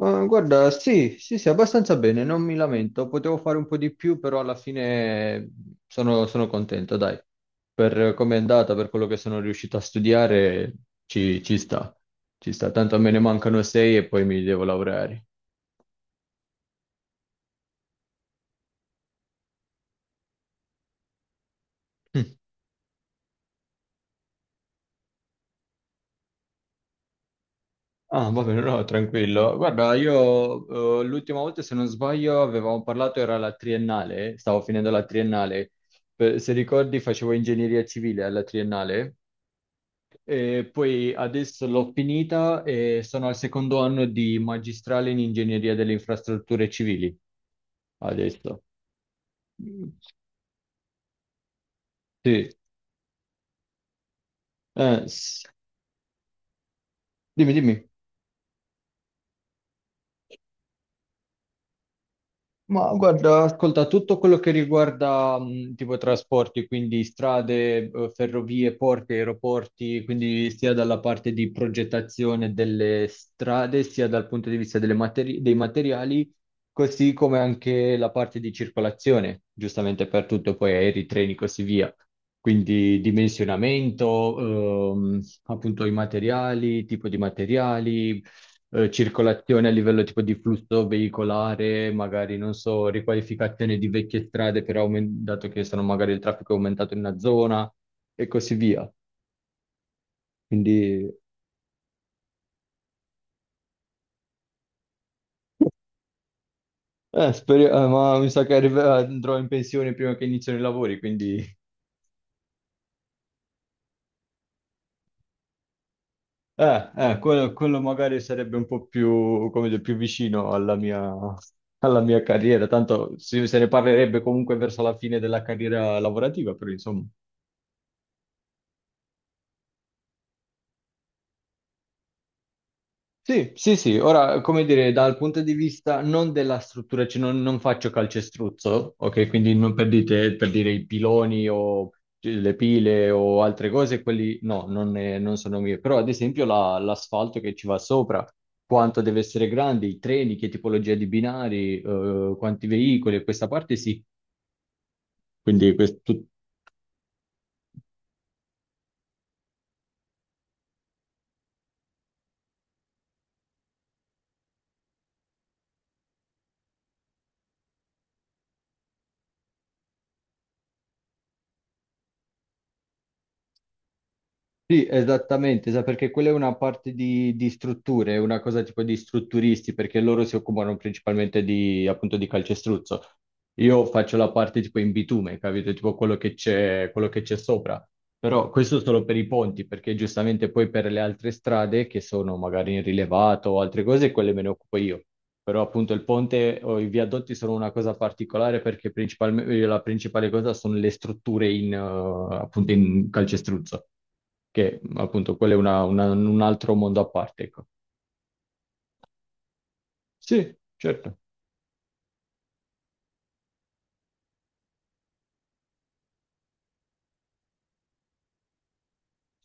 Ma guarda, sì, sì, sì, abbastanza bene, non mi lamento. Potevo fare un po' di più, però alla fine sono contento, dai. Per come è andata, per quello che sono riuscito a studiare, ci sta. Ci sta, tanto me ne mancano sei e poi mi devo laureare. Mm. Ah, va bene, no, tranquillo. Guarda, io l'ultima volta, se non sbaglio, avevamo parlato, era la triennale, stavo finendo la triennale. Se ricordi, facevo ingegneria civile alla triennale. E poi adesso l'ho finita e sono al secondo anno di magistrale in ingegneria delle infrastrutture civili. Adesso. Mm. Sì. Eh, s- Dimmi, dimmi. Ma guarda, ascolta, tutto quello che riguarda tipo trasporti, quindi strade, ferrovie, porti, aeroporti, quindi sia dalla parte di progettazione delle strade, sia dal punto di vista delle dei materiali, così come anche la parte di circolazione, giustamente per tutto, poi aerei, treni, così via. Quindi dimensionamento, appunto i materiali, tipo di materiali, circolazione a livello tipo di flusso veicolare, magari non so, riqualificazione di vecchie strade, però dato che sono magari il traffico è aumentato in una zona e così via. Quindi ma mi sa che andrò in pensione prima che iniziano i lavori, quindi quello magari sarebbe un po' più, come dire, più vicino alla mia carriera, tanto se ne parlerebbe comunque verso la fine della carriera lavorativa, però insomma. Sì, sì, sì, ora come dire, dal punto di vista non della struttura, cioè non faccio calcestruzzo, ok? Quindi non per per dire i piloni o le pile o altre cose, quelli no, non sono mie, però ad esempio l'asfalto che ci va sopra, quanto deve essere grande, i treni, che tipologia di binari, quanti veicoli, questa parte sì, quindi sì, esattamente, perché quella è una parte di strutture, è una cosa tipo di strutturisti, perché loro si occupano principalmente di, appunto, di calcestruzzo. Io faccio la parte tipo in bitume, capito? Tipo quello che c'è sopra. Però questo solo per i ponti, perché giustamente poi per le altre strade che sono magari in rilevato o altre cose, quelle me ne occupo io. Però appunto il ponte o i viadotti sono una cosa particolare perché principalmente la principale cosa sono le strutture in, appunto in calcestruzzo, che appunto quello è un altro mondo a parte, ecco. Sì, certo.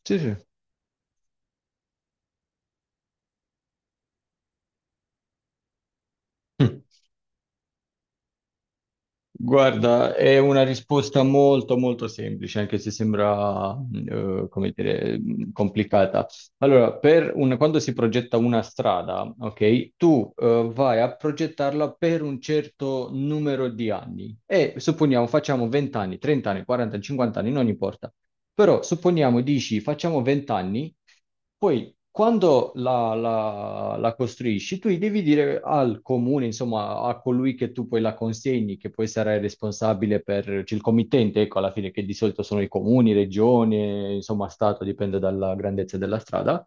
Sì, sì. Guarda, è una risposta molto molto semplice, anche se sembra, come dire, complicata. Allora, per quando si progetta una strada, ok, tu, vai a progettarla per un certo numero di anni e supponiamo facciamo 20 anni, 30 anni, 40, 50 anni, non importa. Però supponiamo dici facciamo 20 anni poi, quando la costruisci, tu devi dire al comune, insomma, a colui che tu poi la consegni, che poi sarà il responsabile per cioè il committente, ecco, alla fine, che di solito sono i comuni, regione, insomma, stato, dipende dalla grandezza della strada.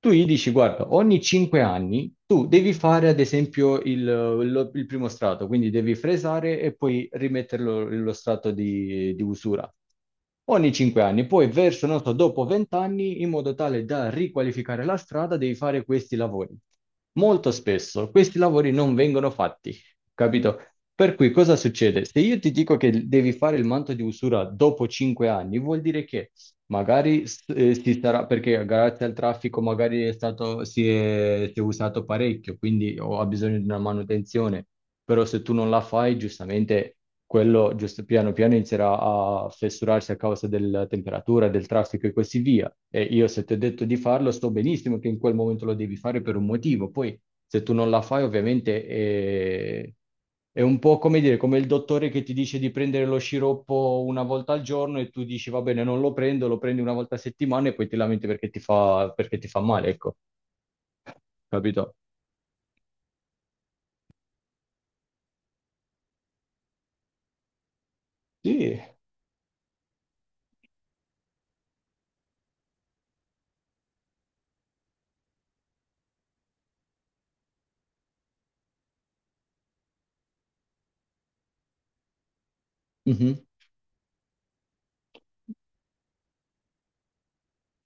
Tu gli dici, guarda, ogni 5 anni tu devi fare, ad esempio, il primo strato, quindi devi fresare e poi rimetterlo lo strato di usura. Ogni 5 anni, poi verso, non so, dopo 20 anni, in modo tale da riqualificare la strada, devi fare questi lavori. Molto spesso questi lavori non vengono fatti, capito? Per cui cosa succede? Se io ti dico che devi fare il manto di usura dopo 5 anni, vuol dire che magari si sarà, perché grazie al traffico magari è stato, si è usato parecchio, quindi ha bisogno di una manutenzione, però se tu non la fai, giustamente quello giusto, piano piano inizierà a fessurarsi a causa della temperatura, del traffico e così via. E io se ti ho detto di farlo, sto benissimo che in quel momento lo devi fare per un motivo, poi se tu non la fai, ovviamente è un po' come dire, come il dottore che ti dice di prendere lo sciroppo una volta al giorno e tu dici va bene, non lo prendo, lo prendi una volta a settimana e poi ti lamenti perché ti fa male, ecco, capito? Sì, mhm.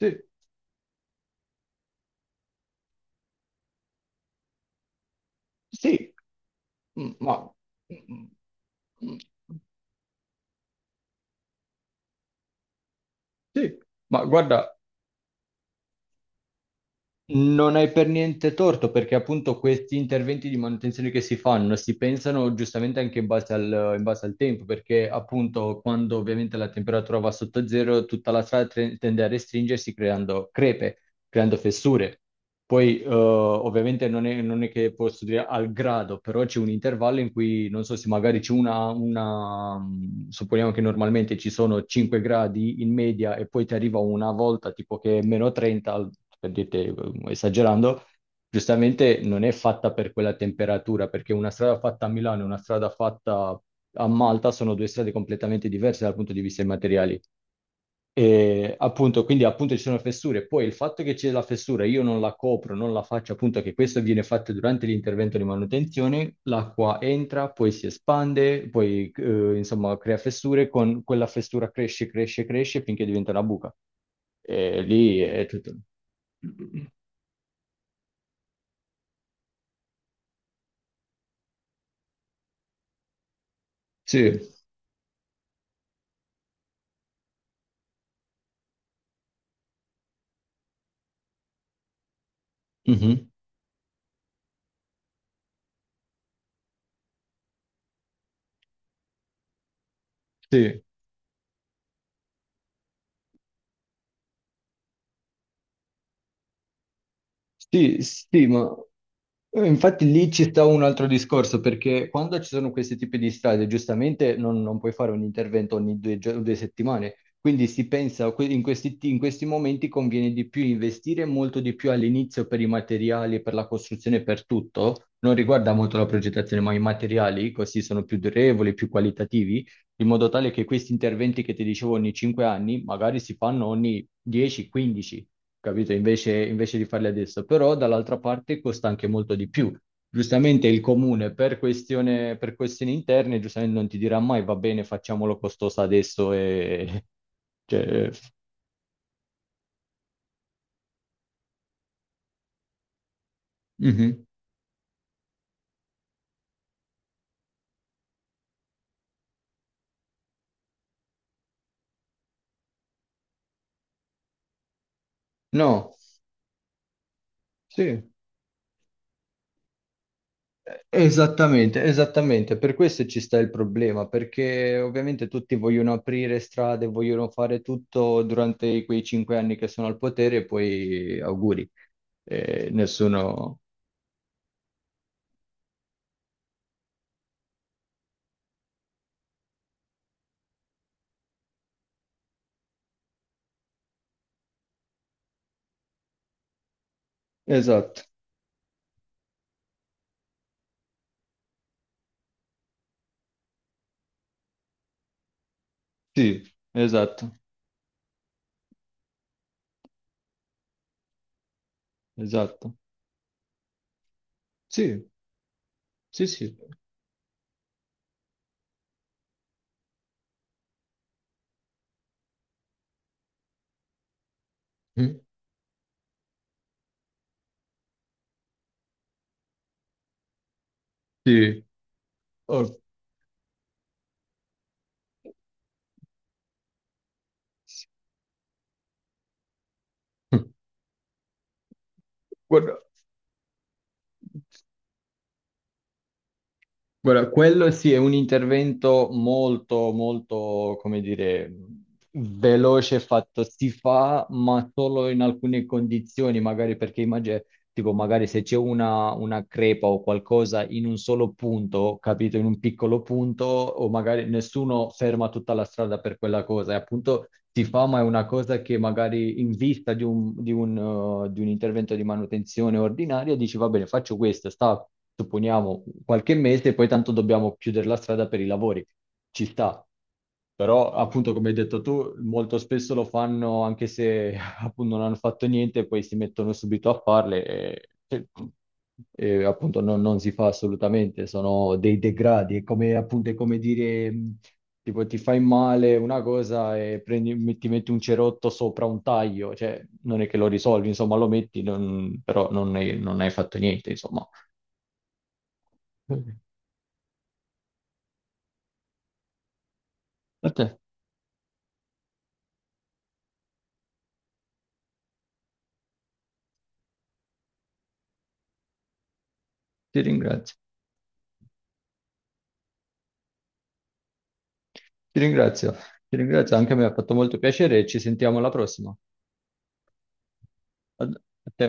Sì, sì, mm, ma, mm, mm, sì. Ma guarda, non hai per niente torto perché appunto questi interventi di manutenzione che si fanno si pensano giustamente anche in base al tempo perché appunto quando ovviamente la temperatura va sotto zero tutta la strada tende a restringersi creando crepe, creando fessure. Poi, ovviamente, non è che posso dire al grado, però c'è un intervallo in cui, non so se magari c'è supponiamo che normalmente ci sono 5 gradi in media e poi ti arriva una volta tipo che è meno 30, per dirti, esagerando, giustamente non è fatta per quella temperatura, perché una strada fatta a Milano e una strada fatta a Malta sono due strade completamente diverse dal punto di vista dei materiali. E appunto, quindi appunto ci sono fessure. Poi il fatto che c'è la fessura, io non la copro, non la faccio, appunto che questo viene fatto durante l'intervento di manutenzione, l'acqua entra, poi si espande, poi insomma crea fessure, con quella fessura cresce, cresce, cresce finché diventa una buca. E lì è tutto. Sì. Mhm. Sì. Sì, sì, ma infatti lì ci sta un altro discorso, perché quando ci sono questi tipi di strade, giustamente non puoi fare un intervento ogni due, due settimane, quindi si pensa in questi momenti conviene di più investire molto di più all'inizio per i materiali, per la costruzione, per tutto, non riguarda molto la progettazione, ma i materiali così sono più durevoli, più qualitativi, in modo tale che questi interventi che ti dicevo ogni 5 anni, magari si fanno ogni 10-15, capito? Invece, invece di farli adesso. Però dall'altra parte costa anche molto di più. Giustamente il comune per questione, per questioni interne, giustamente non ti dirà mai va bene, facciamolo costoso adesso e... Cioè, mhm. No, sì, esattamente, esattamente. Per questo ci sta il problema, perché ovviamente tutti vogliono aprire strade, vogliono fare tutto durante quei 5 anni che sono al potere e poi auguri. Nessuno... Esatto. Sì, esatto, esatto. Sì, sì, sì. Mm, sì. Oh. Guarda, guarda, quello sì è un intervento molto, molto, come dire, veloce fatto. Si fa, ma solo in alcune condizioni, magari perché immagino tipo magari se c'è una crepa o qualcosa in un solo punto, capito, in un piccolo punto, o magari nessuno ferma tutta la strada per quella cosa, e appunto ti fa, ma è una cosa che magari in vista di di un intervento di manutenzione ordinaria dici, va bene, faccio questo, sta, supponiamo, qualche mese, e poi tanto dobbiamo chiudere la strada per i lavori, ci sta. Però, appunto, come hai detto tu, molto spesso lo fanno anche se appunto non hanno fatto niente e poi si mettono subito a farle e, appunto non si fa assolutamente, sono dei degradi, è come, appunto, è come dire tipo ti fai male una cosa e ti metti un cerotto sopra un taglio, cioè non è che lo risolvi, insomma lo metti, però non hai fatto niente, insomma. A te, ti ringrazio, ti ringrazio, ti ringrazio, anche a me ha fatto molto piacere e ci sentiamo alla prossima. a a te.